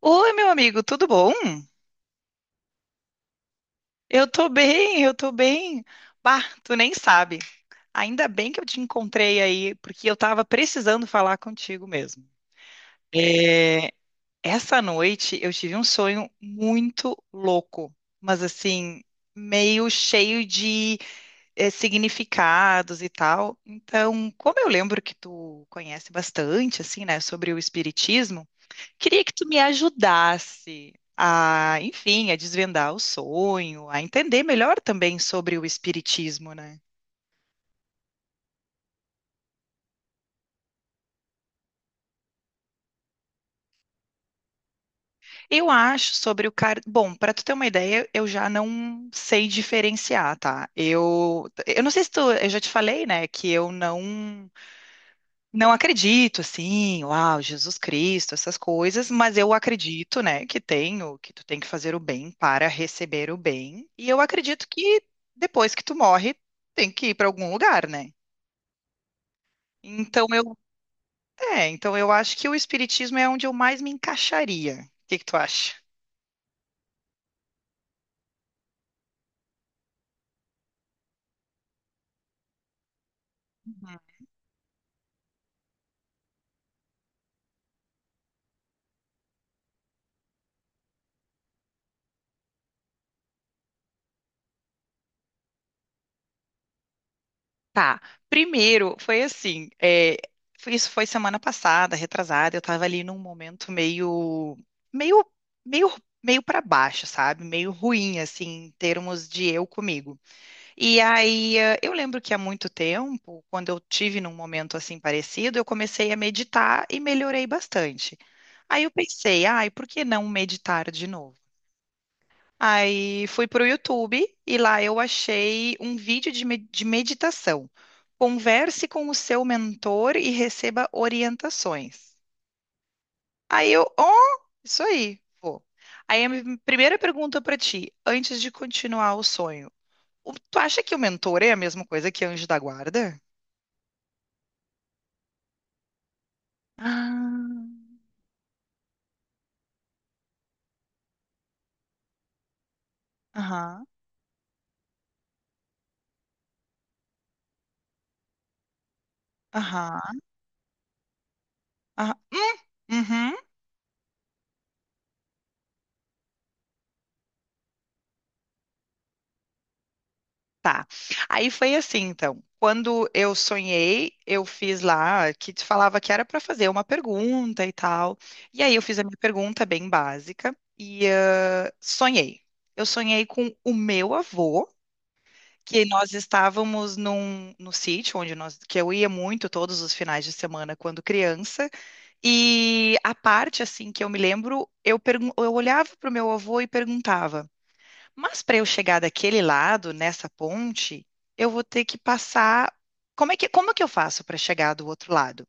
Oi, meu amigo, tudo bom? Eu tô bem, eu tô bem. Bah, tu nem sabe. Ainda bem que eu te encontrei aí, porque eu tava precisando falar contigo mesmo. É, Essa noite eu tive um sonho muito louco, mas assim, meio cheio de significados e tal. Então, como eu lembro que tu conhece bastante, assim, né, sobre o espiritismo. Queria que tu me ajudasse a, enfim, a desvendar o sonho, a entender melhor também sobre o espiritismo, né? Eu acho sobre o car... Bom, para tu ter uma ideia, eu já não sei diferenciar, tá? Eu não sei se tu, eu já te falei, né, que eu não acredito assim, uau, Jesus Cristo, essas coisas, mas eu acredito, né, que tu tem que fazer o bem para receber o bem, e eu acredito que depois que tu morre, tem que ir para algum lugar, né? Então eu, então eu acho que o espiritismo é onde eu mais me encaixaria. O que que tu acha? Uhum. Tá. Primeiro, foi assim, isso foi semana passada, retrasada, eu tava ali num momento meio, meio, meio para baixo, sabe? Meio ruim, assim, em termos de eu comigo. E aí, eu lembro que há muito tempo, quando eu tive num momento assim parecido, eu comecei a meditar e melhorei bastante. Aí eu pensei, ai, por que não meditar de novo? Aí fui pro YouTube e lá eu achei um vídeo de meditação. Converse com o seu mentor e receba orientações. Aí eu, oh, isso aí, vou. Aí a minha primeira pergunta para ti, antes de continuar o sonho, tu acha que o mentor é a mesma coisa que anjo da guarda? Ah, aham, aham, aham. Uhum. Tá. Aí foi assim, então. Quando eu sonhei, eu fiz lá que te falava que era para fazer uma pergunta e tal. E aí eu fiz a minha pergunta bem básica e ah, sonhei. Eu sonhei com o meu avô, que nós estávamos num no sítio onde nós que eu ia muito todos os finais de semana quando criança. E a parte assim que eu me lembro, eu olhava para o meu avô e perguntava mas para eu chegar daquele lado, nessa ponte, eu vou ter que passar. Como é que eu faço para chegar do outro lado?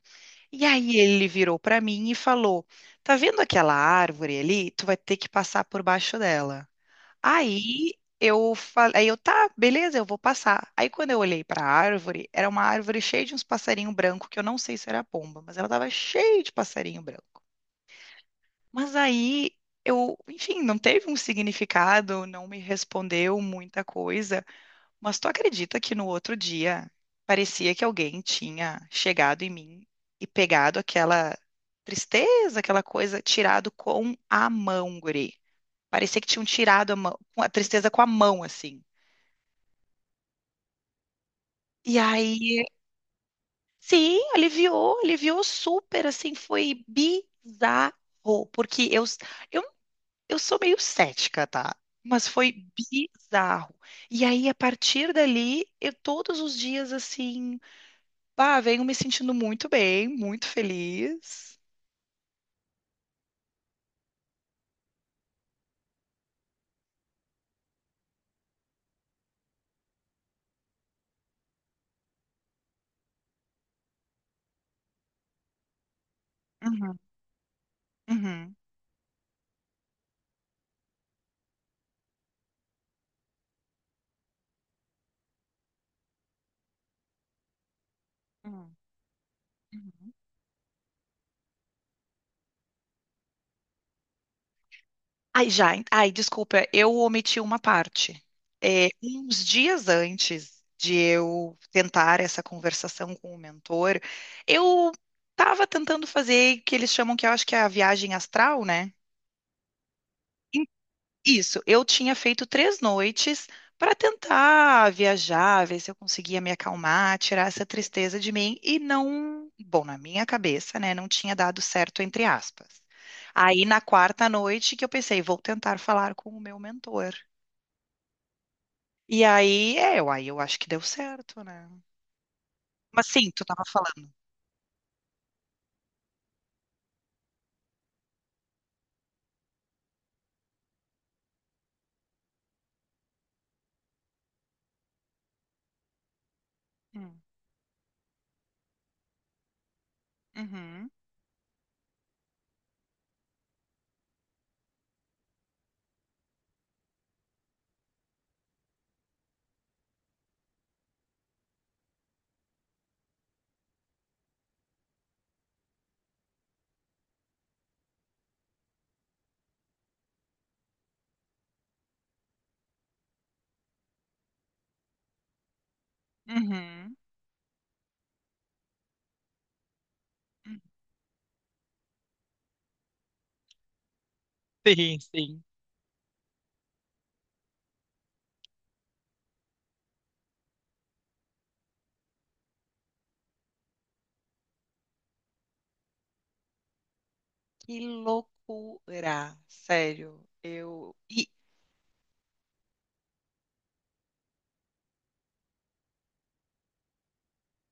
E aí ele virou para mim e falou: Tá vendo aquela árvore ali? Tu vai ter que passar por baixo dela. Aí eu falei, eu tá, beleza, eu vou passar. Aí quando eu olhei para a árvore, era uma árvore cheia de uns passarinhos brancos, que eu não sei se era pomba, mas ela tava cheia de passarinho branco. Mas aí eu, enfim, não teve um significado, não me respondeu muita coisa. Mas tu acredita que no outro dia parecia que alguém tinha chegado em mim e pegado aquela tristeza, aquela coisa, tirado com a mão, guri. Parecia que tinham tirado a mão, a tristeza com a mão, assim. E aí, sim, aliviou, aliviou super, assim, foi bizarro, porque eu Eu sou meio cética, tá? Mas foi bizarro. E aí, a partir dali, eu todos os dias assim, pá, venho me sentindo muito bem, muito feliz. Uhum, uhum, uhum, uhum. Ai, já, ai, desculpa, eu omiti uma parte. Uns dias antes de eu tentar essa conversação com o mentor, eu estava tentando fazer o que eles chamam, que eu acho que é a viagem astral, né? Isso, eu tinha feito 3 noites para tentar viajar, ver se eu conseguia me acalmar, tirar essa tristeza de mim e não, bom, na minha cabeça, né, não tinha dado certo, entre aspas. Aí na quarta noite que eu pensei, vou tentar falar com o meu mentor. E aí, aí eu acho que deu certo, né? Mas sim, tu estava falando. Hum. Uhum, uhum. Sim, sim. Que loucura, sério.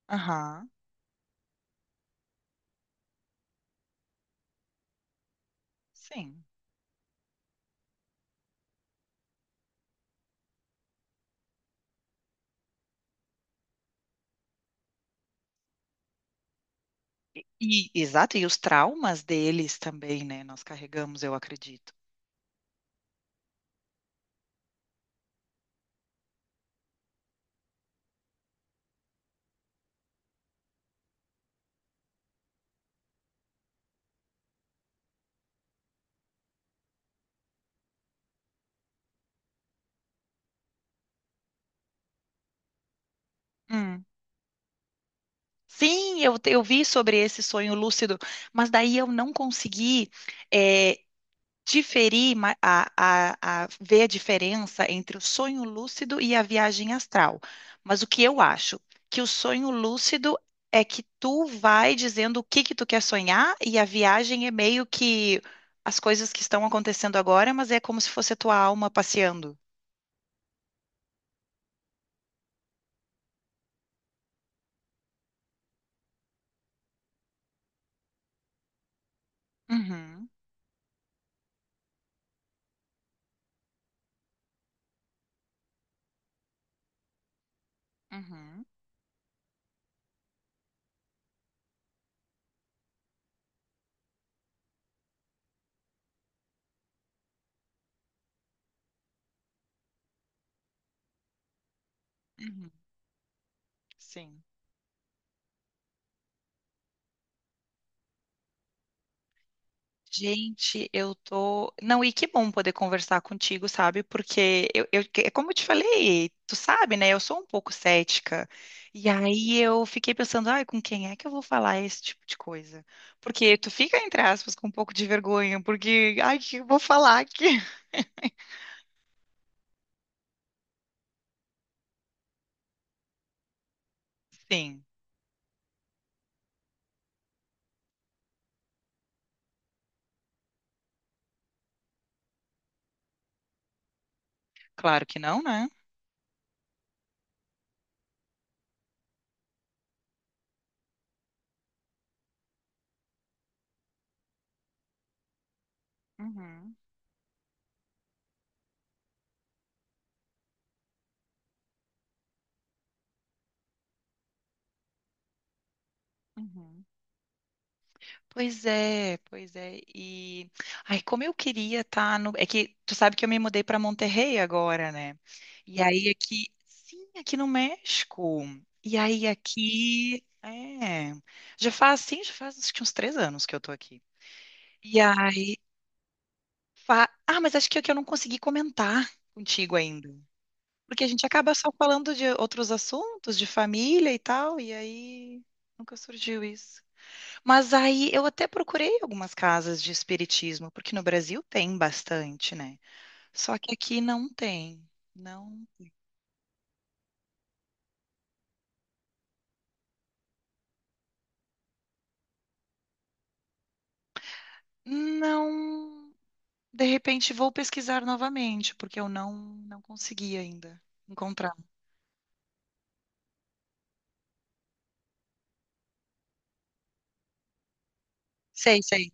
Aham, sim. E, exato, e os traumas deles também, né? Nós carregamos, eu acredito. Hum. Sim, eu vi sobre esse sonho lúcido, mas daí eu não consegui. eh, diferir ma- a, a ver a diferença entre o sonho lúcido e a viagem astral. Mas o que eu acho? Que o sonho lúcido é que tu vai dizendo o que que tu quer sonhar e a viagem é meio que as coisas que estão acontecendo agora, mas é como se fosse a tua alma passeando. Uhum, uhum, uhum. Sim. Gente, eu tô. Não, e que bom poder conversar contigo, sabe? Porque é como eu te falei, tu sabe, né? Eu sou um pouco cética. E aí eu fiquei pensando, ai, com quem é que eu vou falar esse tipo de coisa? Porque tu fica, entre aspas, com um pouco de vergonha, porque, ai, o que eu vou falar aqui? Sim, claro que não, né? Uhum, uhum. Pois é, pois é. E ai, como eu queria estar no. É que tu sabe que eu me mudei para Monterrey agora, né? E aí aqui, sim, aqui no México. E aí aqui. Já faz, sim, já faz acho que uns 3 anos que eu tô aqui. E aí, mas acho que é que eu não consegui comentar contigo ainda, porque a gente acaba só falando de outros assuntos, de família e tal, e aí nunca surgiu isso. Mas aí eu até procurei algumas casas de espiritismo, porque no Brasil tem bastante, né? Só que aqui não tem. Não, não. De repente vou pesquisar novamente, porque eu não consegui ainda encontrar. Sei, sei.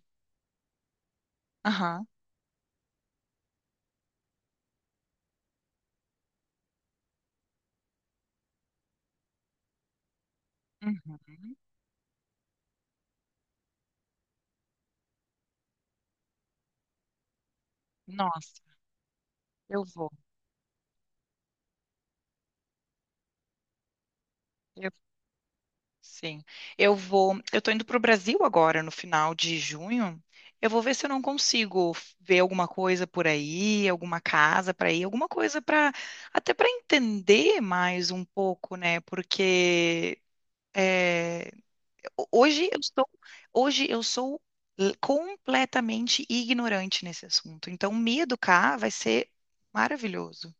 Aham. Uhum. Nossa, eu vou. Sim. Eu tô indo pro Brasil agora no final de junho. Eu vou ver se eu não consigo ver alguma coisa por aí, alguma casa para ir, alguma coisa para entender mais um pouco, né? Porque é, hoje eu sou completamente ignorante nesse assunto. Então me educar vai ser maravilhoso.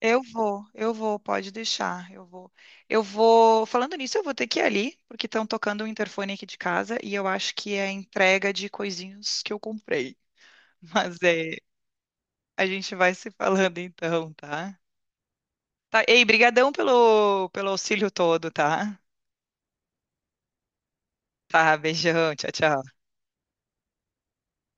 Eu vou, pode deixar, eu vou. Eu vou, falando nisso, eu vou ter que ir ali, porque estão tocando o interfone aqui de casa e eu acho que é a entrega de coisinhas que eu comprei. Mas a gente vai se falando então, tá? Tá, ei, brigadão pelo auxílio todo, tá? Tá, beijão, tchau, tchau.